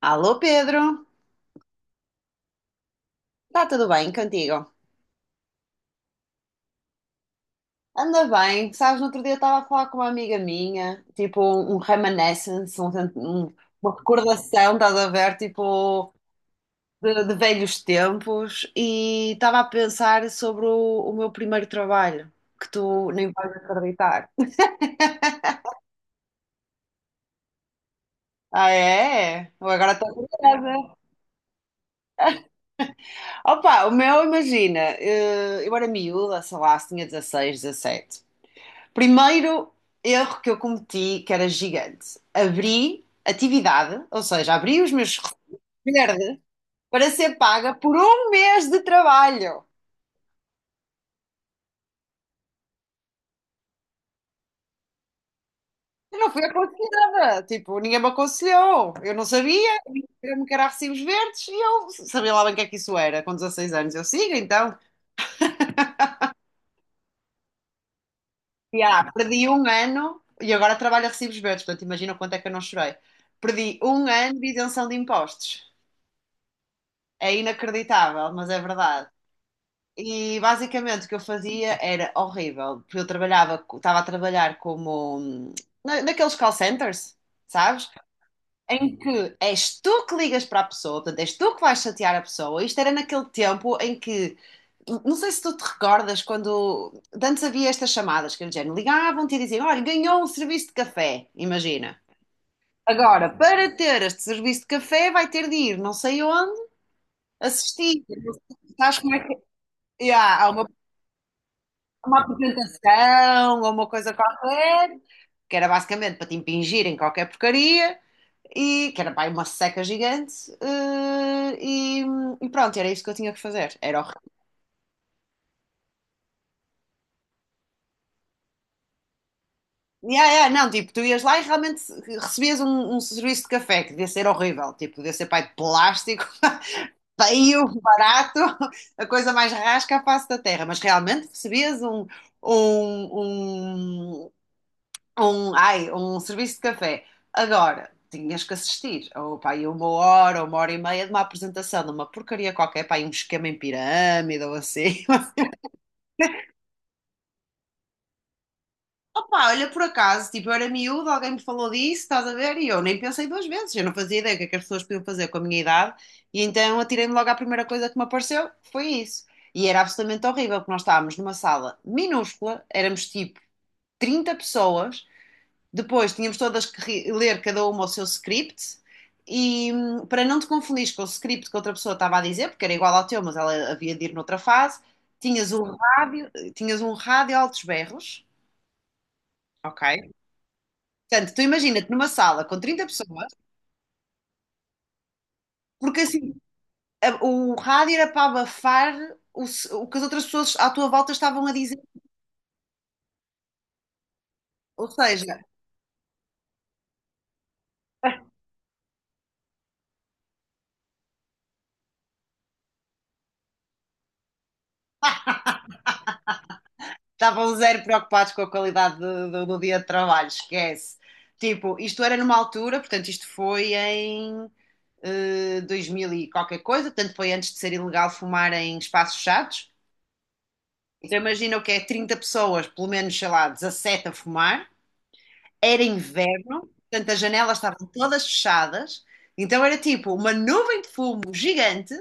Alô Pedro, está tudo bem contigo? Anda bem, sabes, no outro dia estava a falar com uma amiga minha, tipo um reminiscence, um- uma recordação, estás a ver, tipo de velhos tempos e estava a pensar sobre o meu primeiro trabalho, que tu nem vais acreditar. Ah é? Eu agora estou curiosa. Opa, o meu, imagina, eu era miúda, sei lá, se tinha 16, 17. Primeiro erro que eu cometi, que era gigante. Abri atividade, ou seja, abri os meus verdes para ser paga por um mês de trabalho. Eu não fui aconselhada, tipo, ninguém me aconselhou. Eu não sabia, eu me queria recibos verdes e eu sabia lá bem o que é que isso era. Com 16 anos eu sigo, então, e, perdi um ano e agora trabalho a recibos verdes, portanto, imagina o quanto é que eu não chorei. Perdi um ano de isenção de impostos. É inacreditável, mas é verdade. E basicamente o que eu fazia era horrível, porque eu trabalhava, estava a trabalhar como naqueles call centers, sabes? Em que és tu que ligas para a pessoa, portanto, és tu que vais chatear a pessoa. Isto era naquele tempo em que, não sei se tu te recordas, quando de antes havia estas chamadas, que era do género, ligavam-te e diziam, olha, ganhou um serviço de café, imagina. Agora, para ter este serviço de café, vai ter de ir não sei onde, assistir. Sabes como é que. Yeah, há uma apresentação ou uma coisa qualquer, que era basicamente para te impingirem qualquer porcaria, e que era pá, uma seca gigante, eh, e, e pronto, era isso que eu tinha que fazer. Era horrível. Yeah, yeah, não, tipo, tu ias lá e realmente recebias um, um serviço de café que devia ser horrível, tipo, devia ser pá, de plástico, feio, barato, a coisa mais rasca à face da terra, mas realmente recebias um, um, um serviço de café. Agora, tinhas que assistir ou pá, aí uma hora ou uma hora e meia de uma apresentação de uma porcaria qualquer, pá, aí um esquema em pirâmide ou assim. Opa, olha, por acaso, tipo, eu era miúdo, alguém me falou disso, estás a ver? E eu nem pensei duas vezes, eu não fazia ideia o que é que as pessoas podiam fazer com a minha idade, e então atirei-me logo à primeira coisa que me apareceu, foi isso. E era absolutamente horrível, porque nós estávamos numa sala minúscula, éramos tipo 30 pessoas. Depois tínhamos todas que ler cada uma o seu script e para não te confundir com o script que outra pessoa estava a dizer, porque era igual ao teu, mas ela havia de ir noutra fase, tinhas um tinhas um rádio a altos berros, ok? Portanto, tu imagina-te numa sala com 30 pessoas, porque assim, o rádio era para abafar o que as outras pessoas à tua volta estavam a dizer, ou seja, estavam zero preocupados com a qualidade do dia de trabalho, esquece. Tipo, isto era numa altura, portanto, isto foi em 2000 e qualquer coisa, portanto, foi antes de ser ilegal fumar em espaços fechados. Então, imagina o que é 30 pessoas, pelo menos, sei lá, 17 a fumar. Era inverno, portanto, as janelas estavam todas fechadas. Então, era tipo uma nuvem de fumo gigante.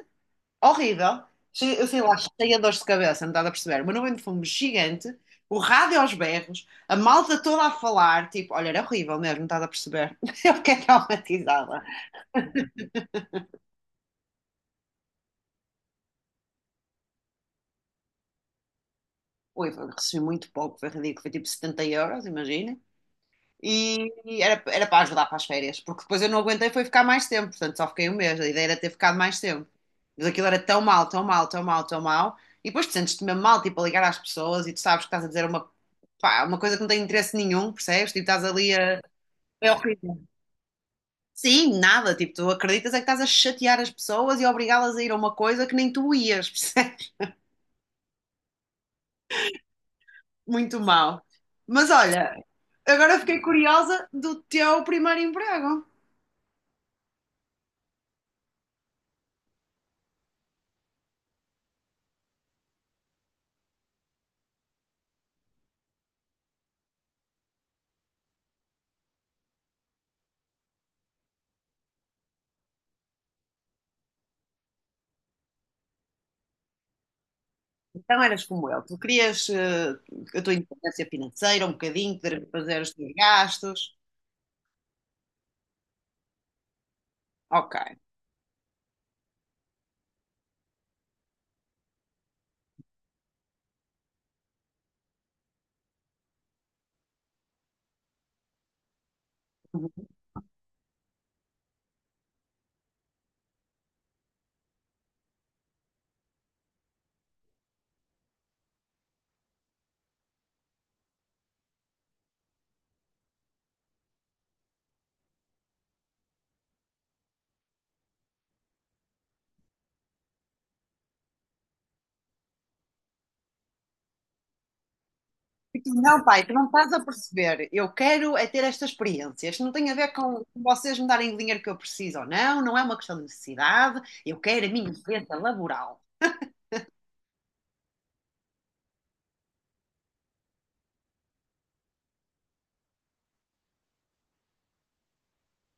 Horrível. Eu sei lá, cheia de dores de cabeça, não estás a perceber? Uma nuvem de fumo gigante, o rádio aos berros, a malta toda a falar, tipo, olha, era horrível mesmo, não estás a perceber? Eu fiquei traumatizada. Ui, recebi muito pouco, foi ridículo, foi tipo 70 euros, imagina. E era para ajudar para as férias, porque depois eu não aguentei, foi ficar mais tempo, portanto só fiquei um mês. A ideia era ter ficado mais tempo. Mas aquilo era tão mal, tão mal, tão mal, tão mal. E depois tu sentes-te mesmo mal, tipo, a ligar às pessoas e tu sabes que estás a dizer pá, uma coisa que não tem interesse nenhum, percebes? Tipo, estás ali a. É horrível. Sim, nada, tipo, tu acreditas é que estás a chatear as pessoas e a obrigá-las a ir a uma coisa que nem tu ias, percebes? Muito mal. Mas olha, agora fiquei curiosa do teu primeiro emprego. Então eras como eu, tu querias a tua independência financeira, um bocadinho, poder fazer os teus gastos. Ok. E tu, não, pai, tu não estás a perceber. Eu quero é ter esta experiência. Isto não tem a ver com vocês me darem o dinheiro que eu preciso ou não, não é uma questão de necessidade. Eu quero a minha experiência laboral.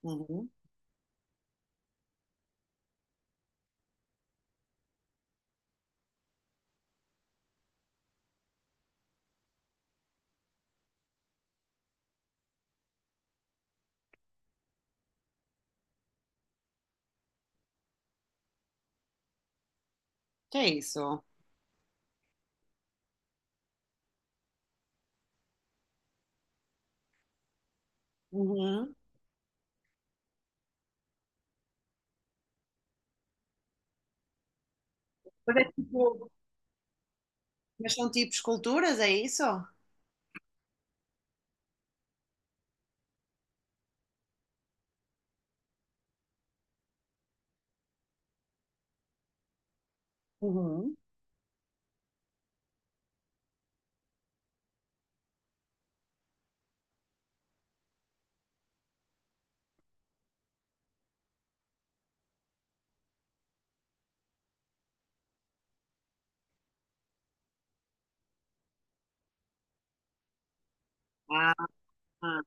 Uhum. Que é isso? Uhum. Mas é tipo, mas são tipo esculturas, é isso? Uhum. Ah.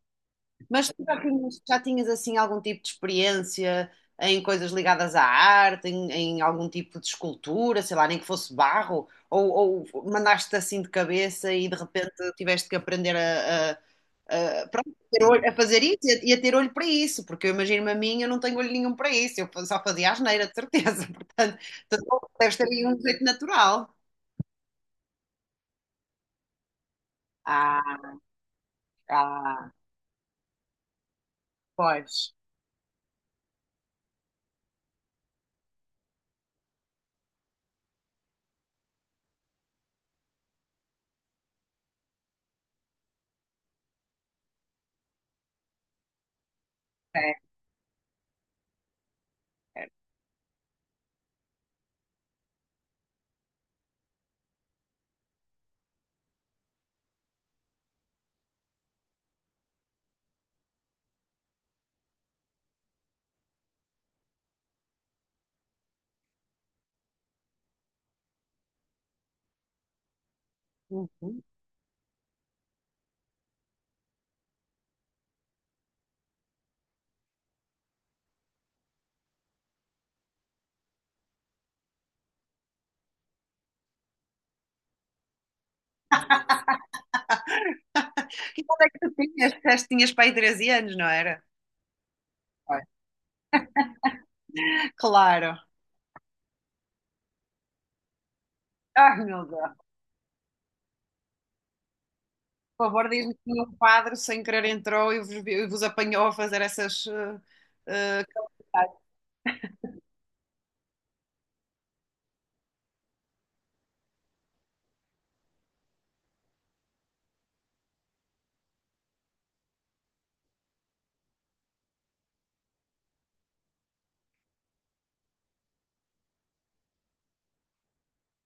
Mas tu já tinhas, assim algum tipo de experiência em coisas ligadas à arte, em algum tipo de escultura, sei lá, nem que fosse barro, ou mandaste assim de cabeça e de repente tiveste que aprender pronto, a ter a fazer isso e a ter olho para isso, porque eu imagino-me a mim, eu não tenho olho nenhum para isso, eu só fazia asneira, de certeza, portanto, deves ter aí um jeito natural. Ah, ah, pois. É. Uhum. Que idade é que tu tinhas? Disseste que tinhas pai 13 anos, não era? Vai. Claro. Ai, meu Deus. Por favor, diz-me que nenhum padre sem querer entrou e vos apanhou a fazer essas. Eh,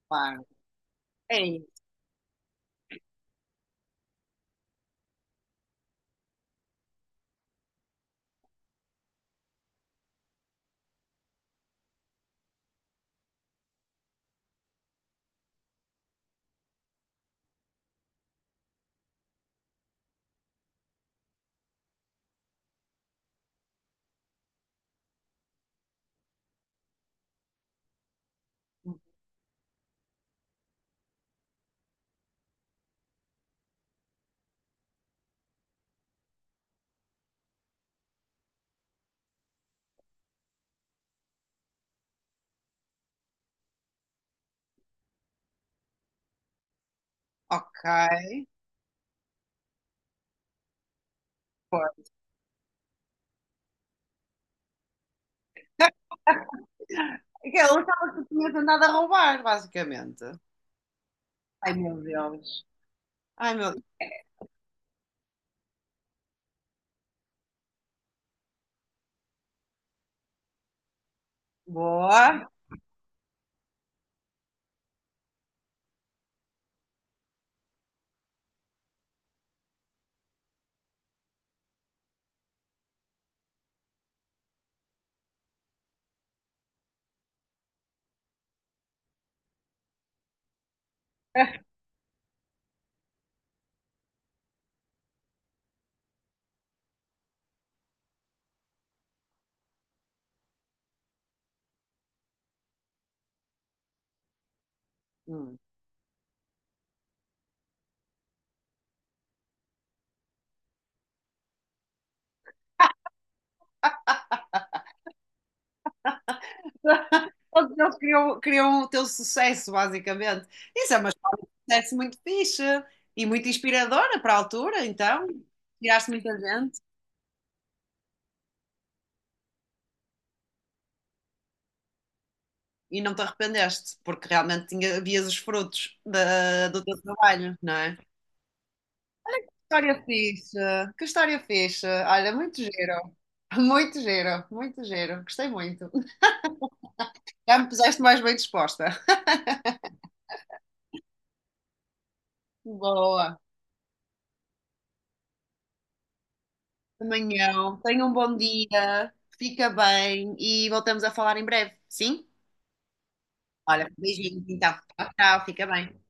Claro. É isso. Ok. Pô. Ele achava que tinha tentado a roubar, basicamente. Ai, meu Deus. Ai, meu Deus. Boa. Hum. Todos eles queriam, o teu sucesso, basicamente. Isso é uma sucesso muito fixe e muito inspiradora para a altura, então. Tiraste muita gente, e não te arrependeste, porque realmente tinha, vias os frutos do teu trabalho, não é? Que história fixe, que história fixe. Olha, muito giro, muito giro, muito giro. Gostei muito. Já me puseste mais bem disposta. Boa. Amanhã, tenha um bom dia, fica bem e voltamos a falar em breve, sim? Olha, beijinhos então. Tchau, tchau, fica bem.